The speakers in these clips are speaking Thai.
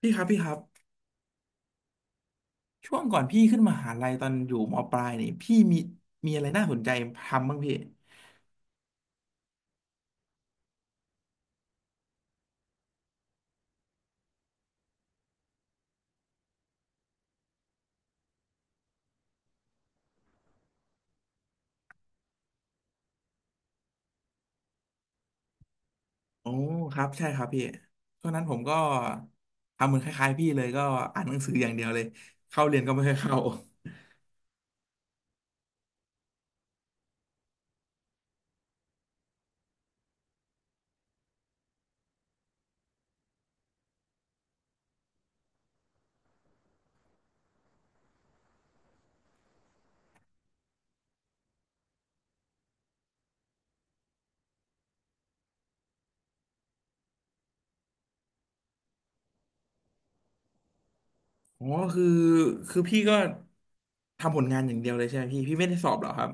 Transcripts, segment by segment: พี่ครับพี่ครับช่วงก่อนพี่ขึ้นมหาลัยตอนอยู่มปลายนี่พี่มีอะไรน่าสนใจทำบ้างพี่โอ้ครับใช่ครับพี่ช่วงนั้นผมก็ทำเหมือนคล้ายๆพี่เลยก็อ่านหนังสืออย่างเดียวเลยเข้าเรียนก็ไม่ค่อยเข้าอ๋อคือคือพี่ก็ทำผลงานอย่างเดียวเลยใช่ไหมพี่พี่ไม่ได้สอบเหรอครับ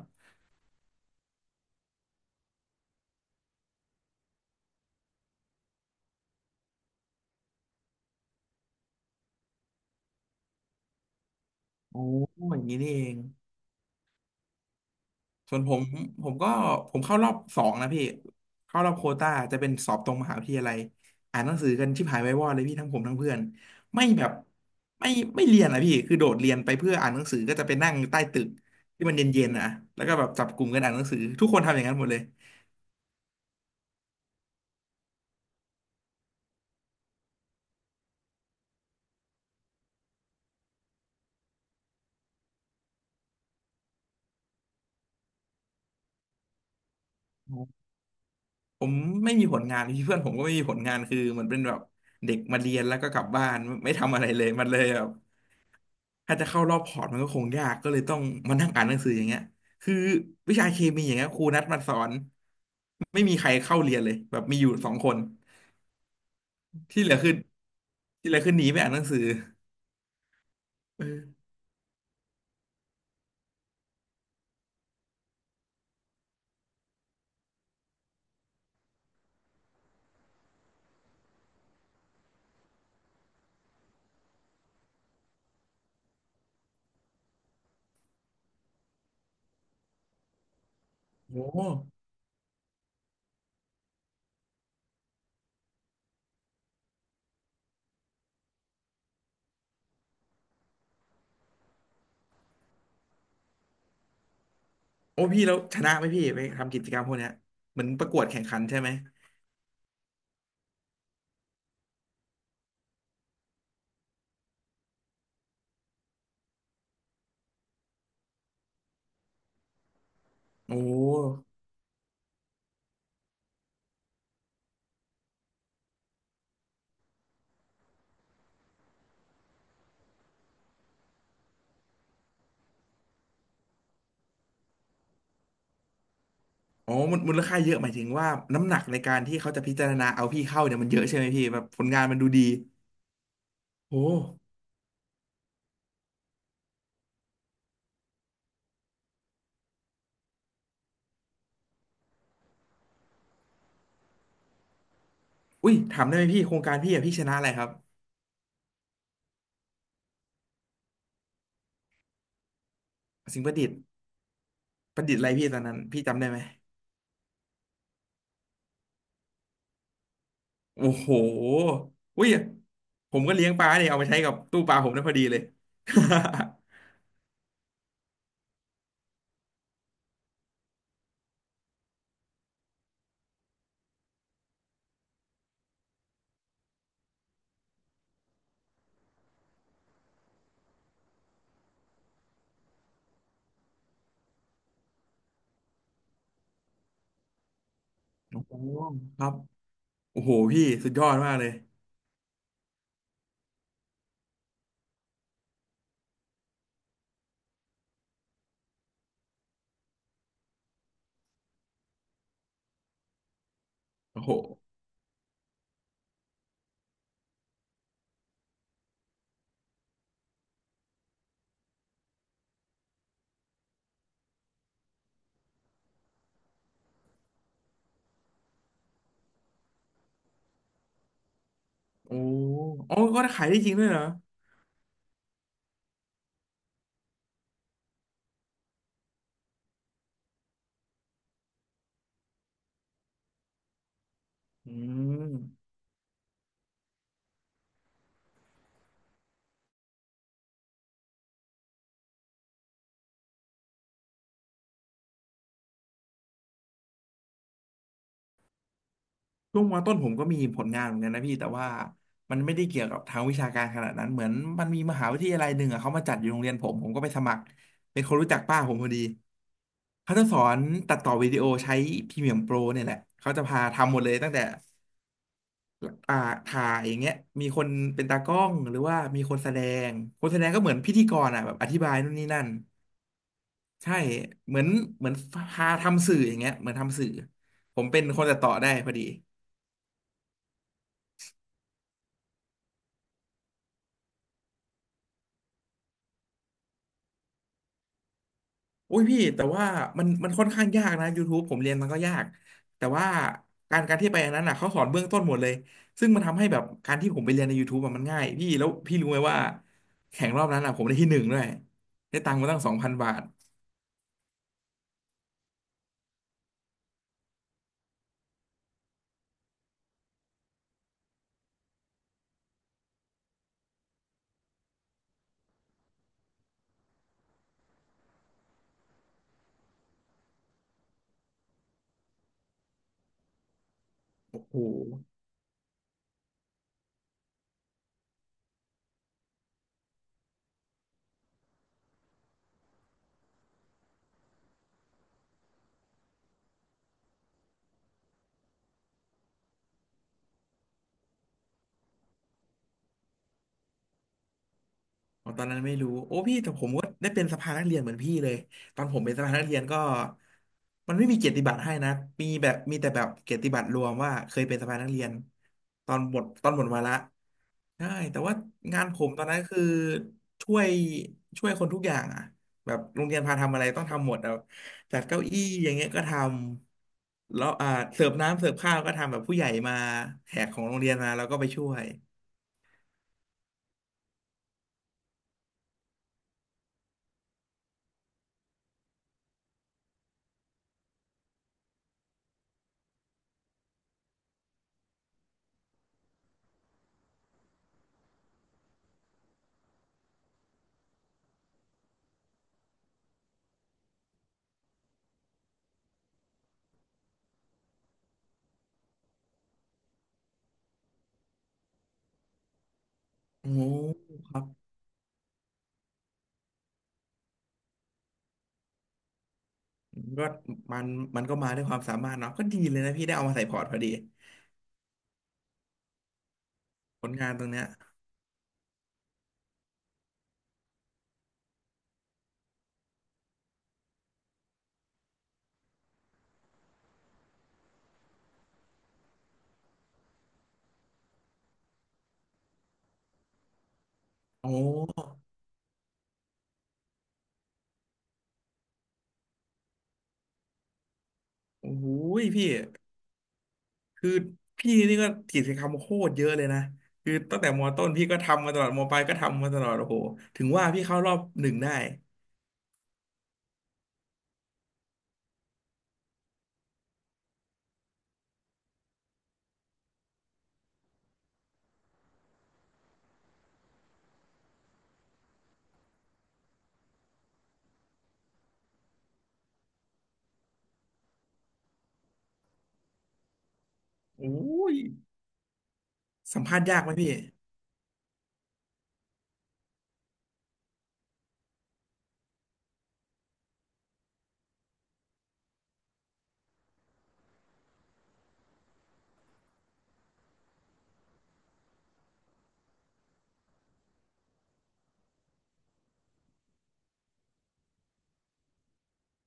โอ้อย่างนี้นี่เอง ส่วนผมผมก็ผมเข้ารอบสองนะพี่เข้ารอบโควต้าจะเป็นสอบตรงมหาวิทยาลัยอ่านหนังสือกันชิบหายไว้วอดเลยพี่ทั้งผมทั้งเพื่อนไม่แบบไม่ไม่เรียนอะพี่คือโดดเรียนไปเพื่ออ่านหนังสือก็จะไปนั่งใต้ตึกที่มันเย็นๆนะแล้วก็แบบจับกลุ่มกันอ่านหนังสือทุกคนทำอย่างนั้นหมดเลยผมไม่มีผลงานพี่เพื่อนผมก็ไม่มีผลงานคือเหมันเป็นแบบเด็กมาเรียนแล้วก็กลับบ้านไม่ทำอะไรเลยมันเลยแบบ ถ้าจะเข้ารอบพอร์ตมันก็คงยากก็เลยต้องมานั่งอ่านหนังสืออย่างเงี้ยคือวิชาเคมีอย่างเงี้ยครูนัดมาสอนไม่มีใครเข้าเรียนเลยแบบมีอยู่สองคนที่เหลือคือที่เหลือคือหนีไปอ่านหนังสือเออโอ้โอ้พี่แล้วชนะไหมพี่ไปทำกิจกรรมพวกเนี้ยเหมือนประกวดแข่งขันใช่ไหมโอ้อ๋อมูลค่าเยอะหมายถึงว่าน้ำหนักในการที่เขาจะพิจารณาเอาพี่เข้าเนี่ยมันเยอะใช่ไหมพี่แบบผลงานมันดูดีโอ้อุ้ยถามได้ไหมพี่โครงการพี่อะพี่ชนะอะไรครับสิ่งประดิษฐ์ ประดิษฐ์อะไรพี่ตอนนั้นพี่จำได้ไหมโอ้โหอุ้ยผมก็เลี้ยงปลาเนี่ยเอามาใช้กับตู้ปลาผมได้พอดีเลย โอ้โหครับโอ้โหพี่สุดยอดมากเลยโอ้โหโอ้โหอ๋ก็ขายได้จริงด้วยเหรออืม ช่วงมต้นผมก็มีผลงานเหมือนกันนะพี่แต่ว่ามันไม่ได้เกี่ยวกับทางวิชาการขนาดนั้นเหมือนมันมีมหาวิทยาลัยหนึ่งอะเขามาจัดอยู่โรงเรียนผมผมก็ไปสมัครเป็นคนรู้จักป้าผมพอดีเขาจะสอนตัดต่อวิดีโอใช้พรีเมียมโปรเนี่ยแหละเขาจะพาทำหมดเลยตั้งแต่อ่าถ่ายอย่างเงี้ยมีคนเป็นตากล้องหรือว่ามีคนแสดงคนแสดงก็เหมือนพิธีกรอ่ะแบบอธิบายนู่นนี่นั่นใช่เหมือนเหมือนพาทำสื่ออย่างเงี้ยเหมือนทำสื่อผมเป็นคนตัดต่อได้พอดี อุ้ยพี่แต่ว่ามันค่อนข้างยากนะ YouTube ผมเรียนมันก็ยากแต่ว่าการที่ไปอันนั้นน่ะเขาสอนเบื้องต้นหมดเลยซึ่งมันทำให้แบบการที่ผมไปเรียนใน YouTube อะมันง่ายพี่แล้วพี่รู้ไหมว่าแข่งรอบนั้นอ่ะผมได้ที่หนึ่งด้วยได้ตังค์มาตั้ง2,000บาทโอ้โห อ๋อตอนนั้นไม่รู้โอ้พี่แต่ผมก็ได้เป็นสภานักเรียนเหมือนพี่เลยตอนผมเป็นสภานักเรียนก็มันไม่มีเกียรติบัตรให้นะมีแบบมีแต่แบบเกียรติบัตรรวมว่าเคยเป็นสภานักเรียนตอนหมดวาระใช่แต่ว่างานผมตอนนั้นคือช่วยช่วยคนทุกอย่างอ่ะแบบโรงเรียนพาทำอะไรต้องทำหมดเอาจัดเก้าอี้อย่างเงี้ยก็ทำแล้วอ่าเสิร์ฟน้ำเสิร์ฟข้าวก็ทำแบบผู้ใหญ่มาแขกของโรงเรียนมาแล้วก็ไปช่วยโอ้ครับ ก็มันมันก็มาด้วยความสามารถเนาะก็ดีเลยนะพี่ได้เอามาใส่พอร์ตพอดีผลงานตรงเนี้ยโอ้โอ้โหพี่คือพี่นี่ก็กิจกรรมโคตรเยอะเลยนะคือตั้งแต่มอต้นพี่ก็ทำมาตลอดมอปลายก็ทำมาตลอดโอ้โหถึงว่าพี่เข้ารอบหนึ่งได้โอ้ยสัมภาษณ์ยากไหมพี่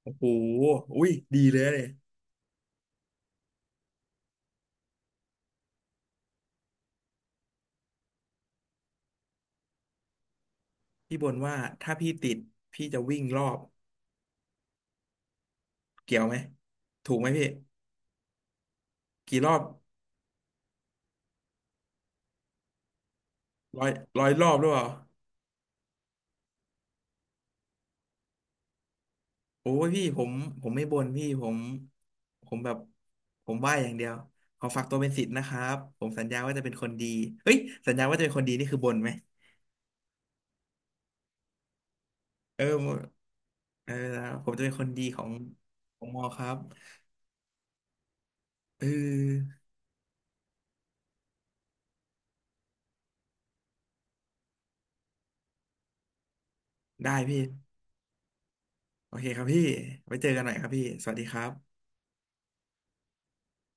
โอ้โหอุ้ยดีเลยเลยพี่บ่นว่าถ้าพี่ติดพี่จะวิ่งรอบเกี่ยวไหมถูกไหมพี่กี่รอบร้อยร้อยรอบหรือเปล่า โอ้ยพี่ผมผมไม่บ่นพี่ผมผมแบบผมไหว้อย่างเดียวขอฝากตัวเป็นศิษย์นะครับผมสัญญาว่าจะเป็นคนดีเฮ้ยสัญญาว่าจะเป็นคนดีนี่คือบ่นไหมเออเออผมจะเป็นคนดีของของมอครับเออได้พี่โอเคครับพี่ไว้เจอกันหน่อยครับพี่สวัสดีครับ